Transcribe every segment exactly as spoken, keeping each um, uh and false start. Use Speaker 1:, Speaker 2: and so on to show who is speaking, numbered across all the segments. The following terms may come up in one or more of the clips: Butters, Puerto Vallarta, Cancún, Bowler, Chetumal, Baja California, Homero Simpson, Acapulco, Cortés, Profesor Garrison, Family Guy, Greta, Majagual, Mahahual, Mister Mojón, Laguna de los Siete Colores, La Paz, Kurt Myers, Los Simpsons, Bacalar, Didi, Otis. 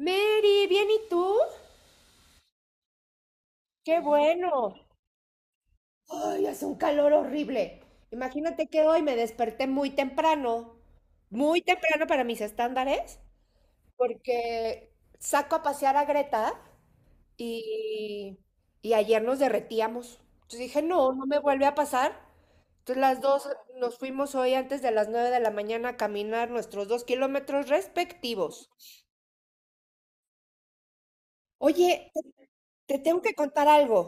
Speaker 1: Mary, ¿bien y tú? Qué bueno. Ay, hace un calor horrible. Imagínate que hoy me desperté muy temprano, muy temprano para mis estándares, porque saco a pasear a Greta y, y ayer nos derretíamos. Entonces dije, no, no me vuelve a pasar. Entonces las dos nos fuimos hoy antes de las nueve de la mañana a caminar nuestros dos kilómetros respectivos. Oye, te te tengo que contar algo.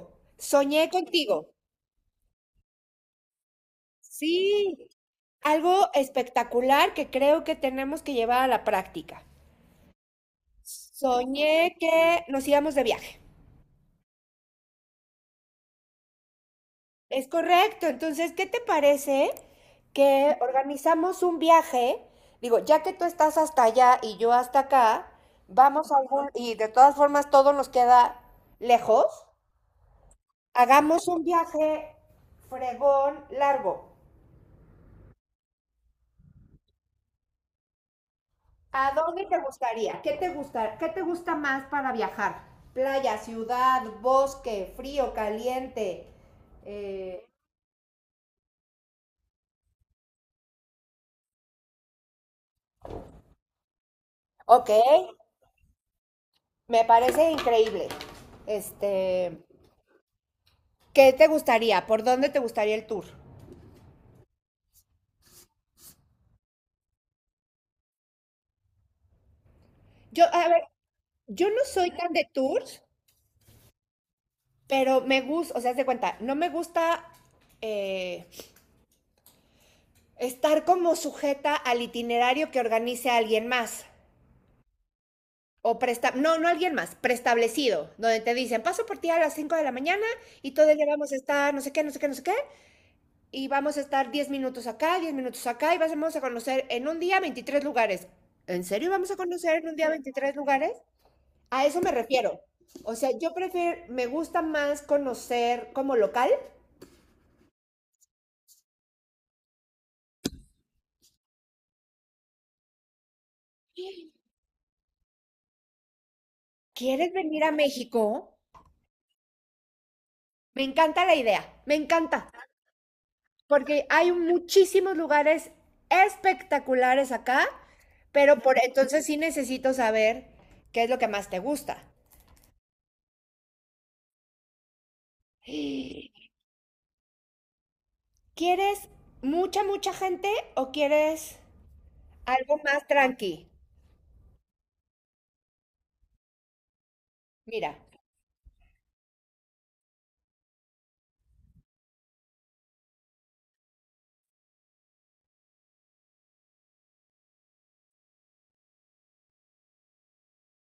Speaker 1: Soñé contigo. Sí. Algo espectacular que creo que tenemos que llevar a la práctica. Soñé que nos íbamos de viaje. Es correcto. Entonces, ¿qué te parece que organizamos un viaje? Digo, ya que tú estás hasta allá y yo hasta acá, vamos a algún, y de todas formas todo nos queda lejos, hagamos un viaje fregón largo. ¿A dónde te gustaría? ¿Qué te gusta, qué te gusta más para viajar? Playa, ciudad, bosque, frío, caliente. eh, ok, me parece increíble. Este, ¿qué te gustaría? ¿Por dónde te gustaría el tour? Yo, a ver, yo no soy tan de tours, pero me gusta, o sea, haz de cuenta, no me gusta eh, estar como sujeta al itinerario que organice alguien más. O presta, no, no alguien más, preestablecido, donde te dicen, paso por ti a las cinco de la mañana y todo el día vamos a estar no sé qué, no sé qué, no sé qué, y vamos a estar diez minutos acá, diez minutos acá, y vamos a conocer en un día veintitrés lugares. ¿En serio vamos a conocer en un día veintitrés lugares? A eso me refiero. O sea, yo prefiero, me gusta más conocer como local. ¿Quieres venir a México? Me encanta la idea, me encanta. Porque hay muchísimos lugares espectaculares acá, pero por entonces sí necesito saber qué es lo que más te gusta. ¿Quieres mucha, mucha gente o quieres algo más tranqui? Mira,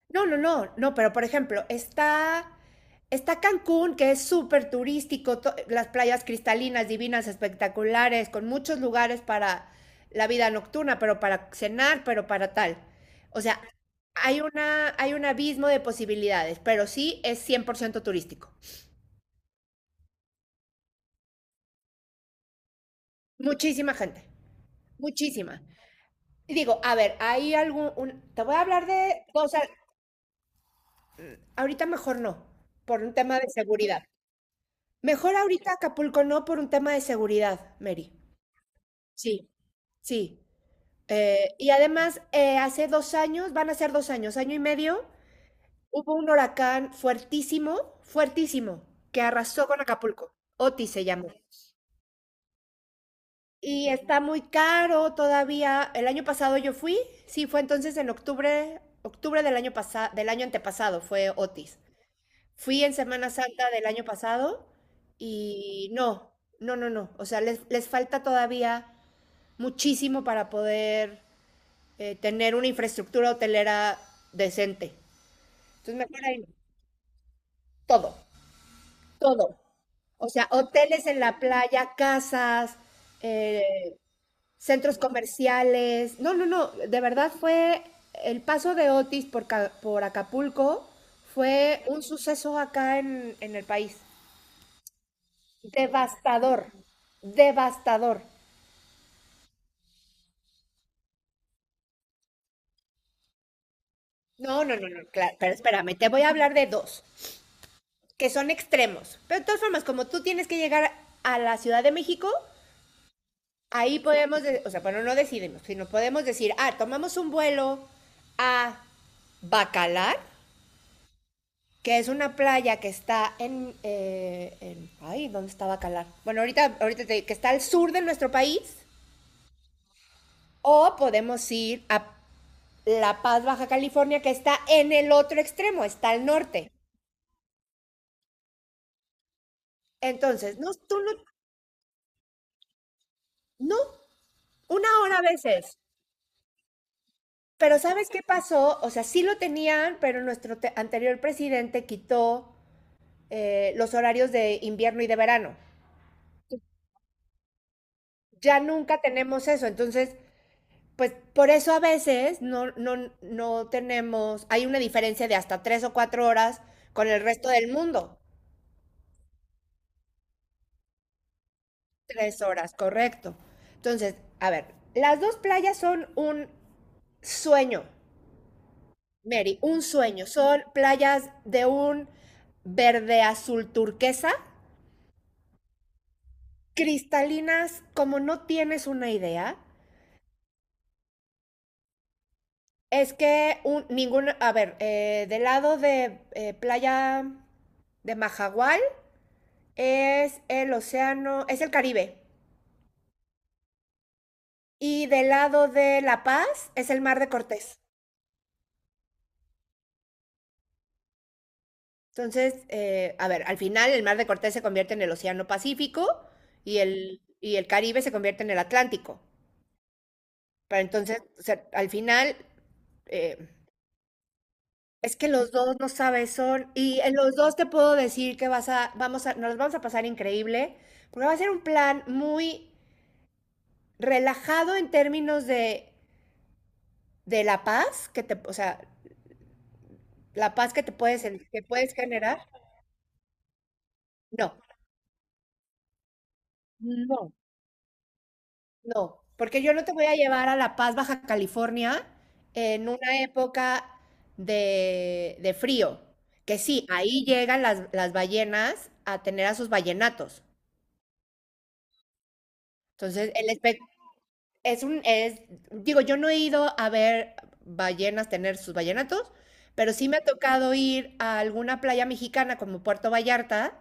Speaker 1: no, no, no, no, pero por ejemplo, está, está Cancún, que es súper turístico, to- las playas cristalinas, divinas, espectaculares, con muchos lugares para la vida nocturna, pero para cenar, pero para tal. O sea, hay una, hay un abismo de posibilidades, pero sí es cien por ciento turístico. Muchísima gente, muchísima. Y digo, a ver, hay algún, un- te voy a hablar de cosas, ahorita mejor no, por un tema de seguridad. Mejor ahorita Acapulco no por un tema de seguridad, Mary. Sí. Sí. Eh, y además, eh, hace dos años, van a ser dos años, año y medio, hubo un huracán fuertísimo, fuertísimo, que arrasó con Acapulco. Otis se llamó. Y está muy caro todavía. El año pasado yo fui, sí, fue entonces en octubre, octubre del año pasado, del año antepasado fue Otis. Fui en Semana Santa del año pasado y no, no, no, no. O sea, les, les falta todavía muchísimo para poder eh, tener una infraestructura hotelera decente. Entonces, mejor ahí, no. Todo, todo. O sea, hoteles en la playa, casas, eh, centros comerciales. No, no, no, de verdad fue el paso de Otis por, Ca- por Acapulco fue un suceso acá en, en el país. Devastador, devastador. No, no, no, no, claro, pero espérame, te voy a hablar de dos que son extremos. Pero de todas formas, como tú tienes que llegar a la Ciudad de México, ahí podemos, o sea, bueno, no decidimos, sino podemos decir, ah, tomamos un vuelo a Bacalar, que es una playa que está en, eh, en- ay, ¿dónde está Bacalar? Bueno, ahorita, ahorita te- que está al sur de nuestro país, o podemos ir a La Paz, Baja California, que está en el otro extremo, está al norte. Entonces, no, tú no, no, una hora a veces. Pero ¿sabes qué pasó? O sea, sí lo tenían, pero nuestro te- anterior presidente quitó eh, los horarios de invierno y de verano. Ya nunca tenemos eso. Entonces, pues por eso a veces no, no, no tenemos, hay una diferencia de hasta tres o cuatro horas con el resto del mundo. Tres horas, correcto. Entonces, a ver, las dos playas son un sueño, Mary, un sueño. Son playas de un verde azul turquesa cristalinas como no tienes una idea. Es que un, ninguna, a ver, eh, del lado de eh, playa de Majagual es el océano, es el Caribe. Y del lado de La Paz es el mar de Cortés. Entonces, eh, a ver, al final el mar de Cortés se convierte en el océano Pacífico y el, y el Caribe se convierte en el Atlántico. Pero entonces, o sea, al final, eh, es que los dos no sabes son y en los dos te puedo decir que vas a vamos a nos vamos a pasar increíble, porque va a ser un plan muy relajado en términos de de la paz que te, o sea, la paz que te puedes en- que puedes generar. No, no, no, porque yo no te voy a llevar a La Paz, Baja California en una época de de frío, que sí, ahí llegan las las ballenas a tener a sus ballenatos. Entonces, el, espe- es un, es, digo, yo no he ido a ver ballenas tener sus ballenatos, pero sí me ha tocado ir a alguna playa mexicana como Puerto Vallarta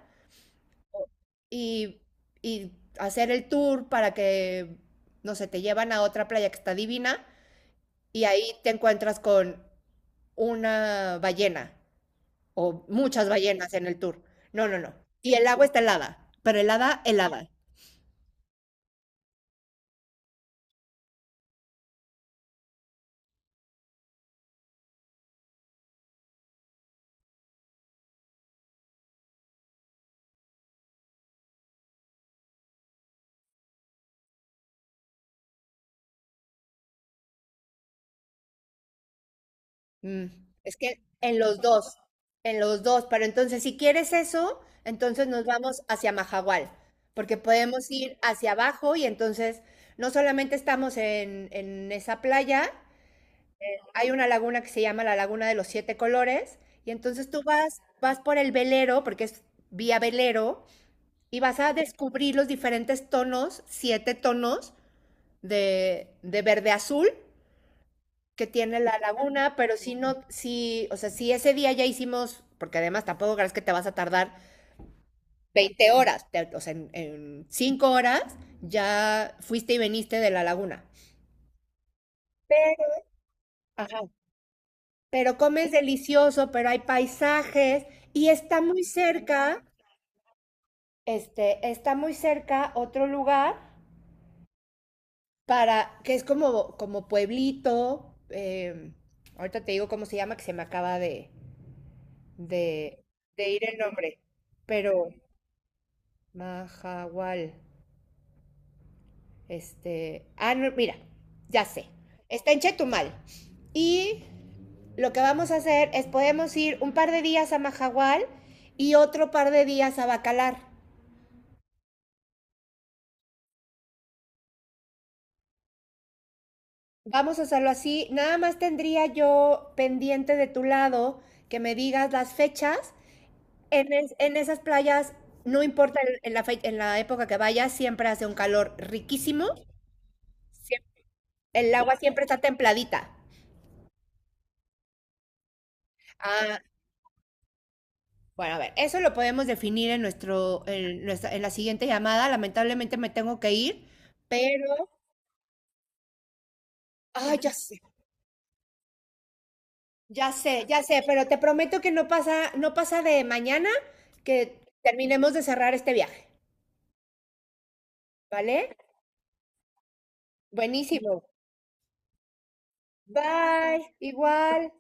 Speaker 1: y, y hacer el tour para que, no sé, te llevan a otra playa que está divina y ahí te encuentras con una ballena o muchas ballenas en el tour. No, no, no. Y el agua está helada, pero helada, helada. Mm, es que en los dos, en los dos, pero entonces si quieres eso, entonces nos vamos hacia Mahahual, porque podemos ir hacia abajo y entonces no solamente estamos en, en esa playa, hay una laguna que se llama la Laguna de los Siete Colores, y entonces tú vas, vas por el velero, porque es vía velero, y vas a descubrir los diferentes tonos, siete tonos de, de verde azul, que tiene la laguna, pero si no, si, o sea, si ese día ya hicimos, porque además tampoco crees que te vas a tardar veinte horas, te- o sea, en, en cinco horas ya fuiste y veniste de la laguna. Pero, ajá, pero comes delicioso, pero hay paisajes y está muy cerca, este, está muy cerca otro lugar para, que es como, como pueblito, em, ahorita te digo cómo se llama, que se me acaba de, de, de ir el nombre, pero... Mahahual. Este. Ah, no, mira, ya sé. Está en Chetumal. Y lo que vamos a hacer es podemos ir un par de días a Mahahual y otro par de días a Bacalar. Vamos a hacerlo así. Nada más tendría yo pendiente de tu lado que me digas las fechas. En, es- en esas playas, no importa el- en la, fe- en la época que vayas, siempre hace un calor riquísimo. Siem- El agua siempre está templadita. Ah, bueno, a ver, eso lo podemos definir en nuestro, en nuestra- en la siguiente llamada. Lamentablemente me tengo que ir, pero, ay, ya sé, ya sé, ya sé, pero te prometo que no pasa, no pasa de mañana que terminemos de cerrar este viaje, ¿vale? Buenísimo. Bye, igual.